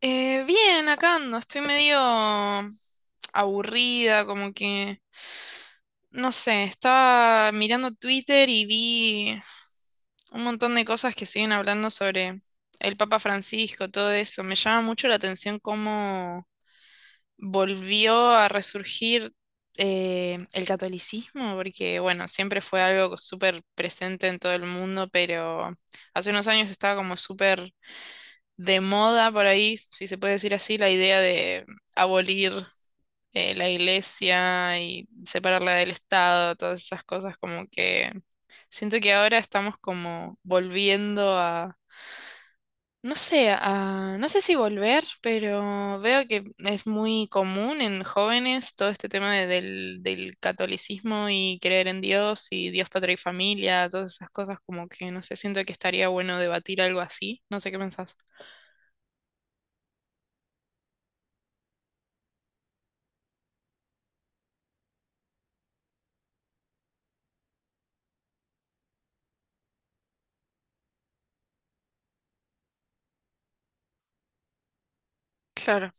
Bien, acá ando, estoy medio aburrida, como que, no sé, estaba mirando Twitter y vi un montón de cosas que siguen hablando sobre el Papa Francisco, todo eso. Me llama mucho la atención cómo volvió a resurgir el catolicismo, porque, bueno, siempre fue algo súper presente en todo el mundo, pero hace unos años estaba como súper de moda por ahí, si se puede decir así, la idea de abolir la iglesia y separarla del Estado, todas esas cosas, como que siento que ahora estamos como volviendo a, no sé, no sé si volver, pero veo que es muy común en jóvenes todo este tema del, del catolicismo y creer en Dios y Dios, patria y familia, todas esas cosas como que no sé, siento que estaría bueno debatir algo así, no sé qué pensás. Claro.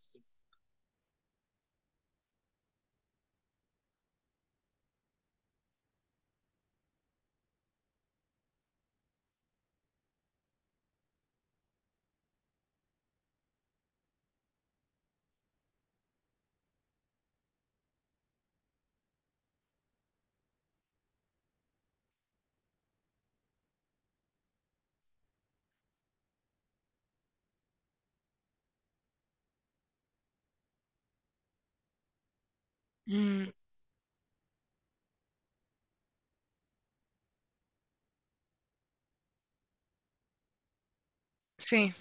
Mm, sí.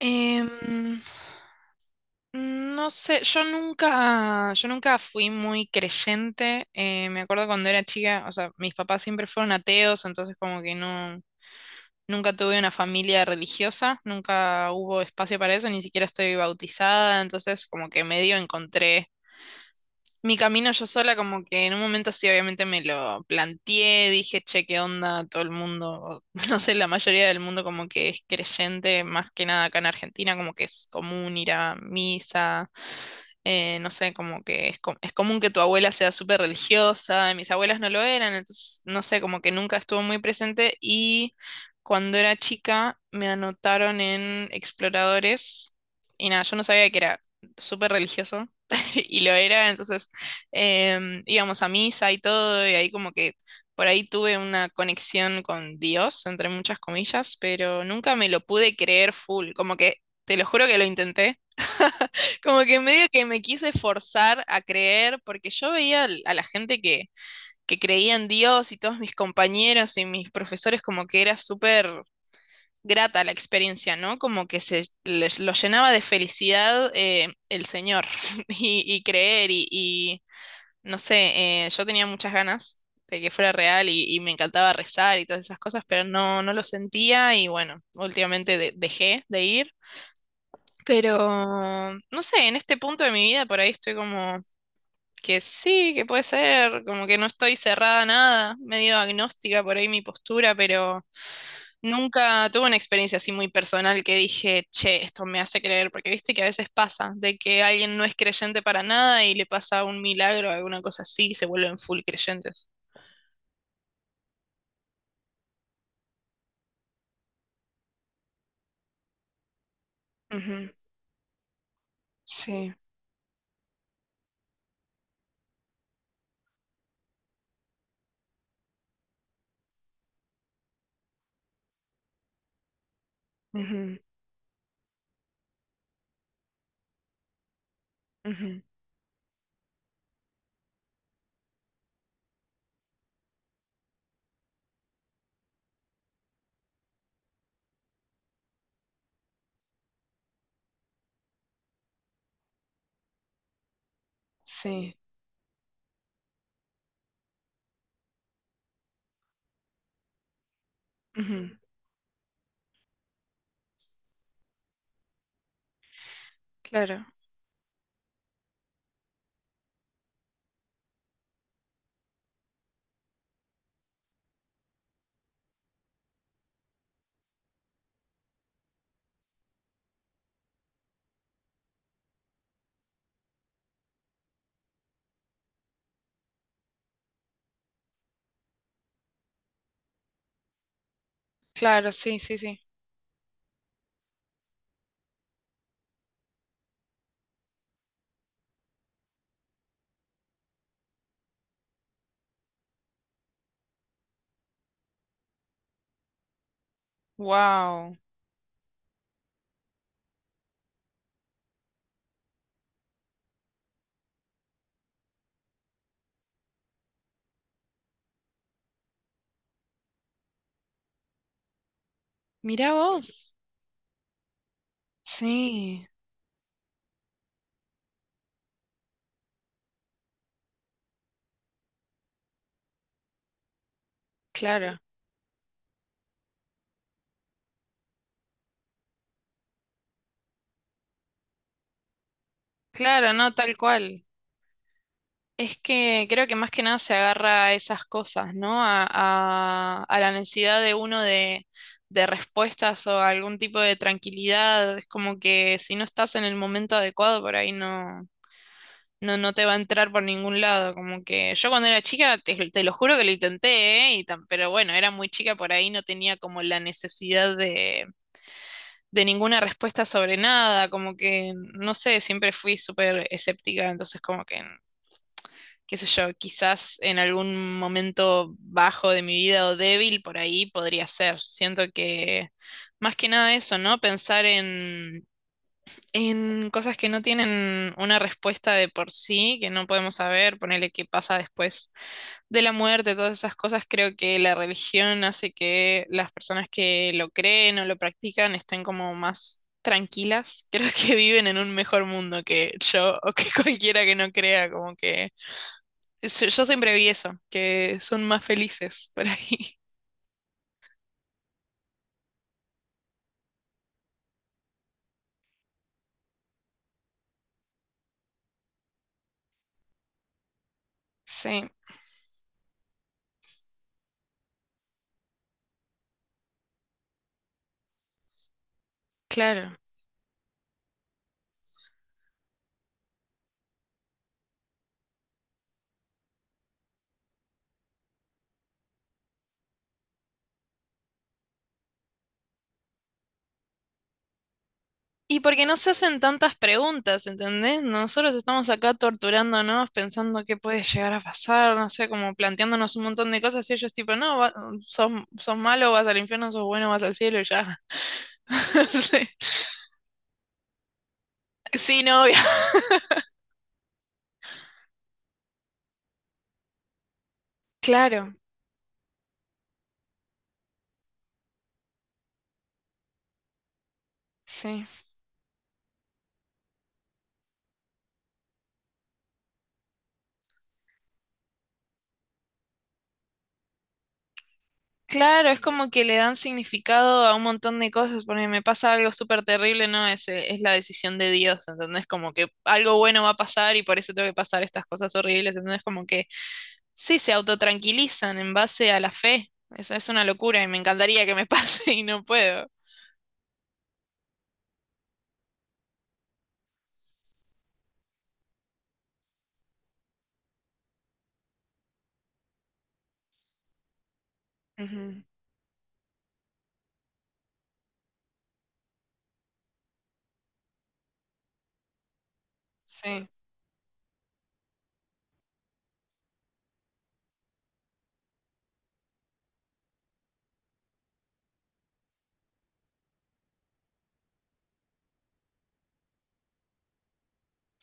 Em, No sé, yo nunca fui muy creyente. Me acuerdo cuando era chica, o sea, mis papás siempre fueron ateos, entonces como que no, nunca tuve una familia religiosa, nunca hubo espacio para eso, ni siquiera estoy bautizada, entonces como que medio encontré mi camino yo sola, como que en un momento sí, obviamente me lo planteé, dije, che, qué onda, todo el mundo, o no sé, la mayoría del mundo como que es creyente, más que nada acá en Argentina, como que es común ir a misa no sé, como que es, es común que tu abuela sea súper religiosa, y mis abuelas no lo eran, entonces, no sé, como que nunca estuvo muy presente y cuando era chica me anotaron en Exploradores y nada, yo no sabía que era súper religioso y lo era, entonces íbamos a misa y todo y ahí como que por ahí tuve una conexión con Dios, entre muchas comillas, pero nunca me lo pude creer full, como que te lo juro que lo intenté. Como que medio que me quise forzar a creer, porque yo veía a la gente que creía en Dios y todos mis compañeros y mis profesores como que era súper grata la experiencia, ¿no? Como que se les, lo llenaba de felicidad el Señor y creer y, no sé, yo tenía muchas ganas de que fuera real y me encantaba rezar y todas esas cosas, pero no, no lo sentía y bueno, últimamente dejé de ir. Pero, no sé, en este punto de mi vida por ahí estoy como que sí, que puede ser, como que no estoy cerrada a nada, medio agnóstica por ahí mi postura, pero nunca tuve una experiencia así muy personal que dije, che, esto me hace creer, porque viste que a veces pasa, de que alguien no es creyente para nada y le pasa un milagro, alguna cosa así, y se vuelven full creyentes. Ujú, sí, ujú, ujú, sí, ujú, claro, claro, sí, sí, sí. Wow, mirá vos. Sí, claro, claro, no, tal cual. Es que creo que más que nada se agarra a esas cosas, ¿no? A la necesidad de uno de respuestas o algún tipo de tranquilidad. Es como que si no estás en el momento adecuado, por ahí no, no te va a entrar por ningún lado. Como que yo cuando era chica, te lo juro que lo intenté, ¿eh? Y pero bueno, era muy chica, por ahí no tenía como la necesidad de ninguna respuesta sobre nada, como que, no sé, siempre fui súper escéptica, entonces como que, qué sé yo, quizás en algún momento bajo de mi vida o débil por ahí podría ser. Siento que más que nada eso, ¿no? Pensar en cosas que no tienen una respuesta de por sí, que no podemos saber, ponerle qué pasa después de la muerte, todas esas cosas, creo que la religión hace que las personas que lo creen o lo practican estén como más tranquilas. Creo que viven en un mejor mundo que yo o que cualquiera que no crea, como que yo siempre vi eso, que son más felices por ahí. Sí, claro. Y porque no se hacen tantas preguntas, ¿entendés? Nosotros estamos acá torturándonos, pensando qué puede llegar a pasar, no sé, como planteándonos un montón de cosas y ellos tipo, no, sos, sos malo, vas al infierno, sos bueno, vas al cielo y ya. Sí, sí, novia. Claro, sí. Claro, es como que le dan significado a un montón de cosas, porque me pasa algo súper terrible, ¿no? Es la decisión de Dios, ¿entendés? Como que algo bueno va a pasar y por eso tengo que pasar estas cosas horribles, ¿entendés? Como que... Sí, se autotranquilizan en base a la fe. Eso es una locura y me encantaría que me pase y no puedo. Ujú, sí,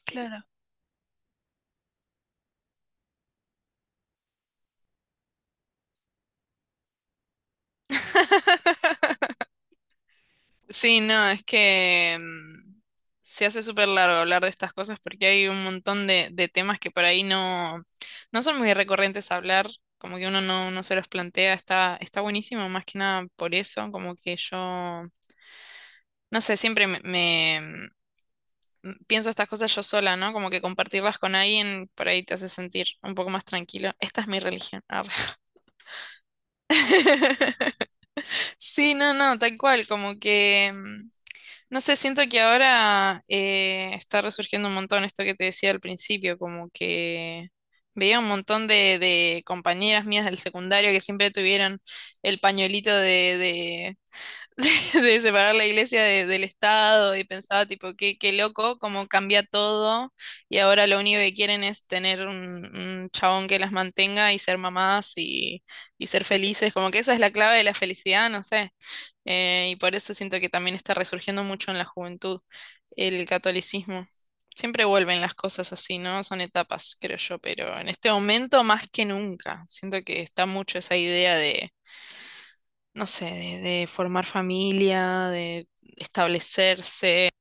claro. Sí, no, es que se hace súper largo hablar de estas cosas porque hay un montón de temas que por ahí no, no son muy recurrentes a hablar, como que uno no, no se los plantea, está, está buenísimo más que nada por eso, como que yo, no sé, siempre pienso estas cosas yo sola, ¿no? Como que compartirlas con alguien por ahí te hace sentir un poco más tranquilo. Esta es mi religión. Arre. Sí, no, no, tal cual, como que, no sé, siento que ahora está resurgiendo un montón esto que te decía al principio, como que veía un montón de compañeras mías del secundario que siempre tuvieron el pañuelito de separar la iglesia del Estado y pensaba tipo, qué, qué loco, cómo cambia todo y ahora lo único que quieren es tener un chabón que las mantenga y ser mamás y ser felices, como que esa es la clave de la felicidad, no sé. Y por eso siento que también está resurgiendo mucho en la juventud el catolicismo. Siempre vuelven las cosas así, ¿no? Son etapas, creo yo, pero en este momento más que nunca. Siento que está mucho esa idea de no sé, de formar familia, de establecerse,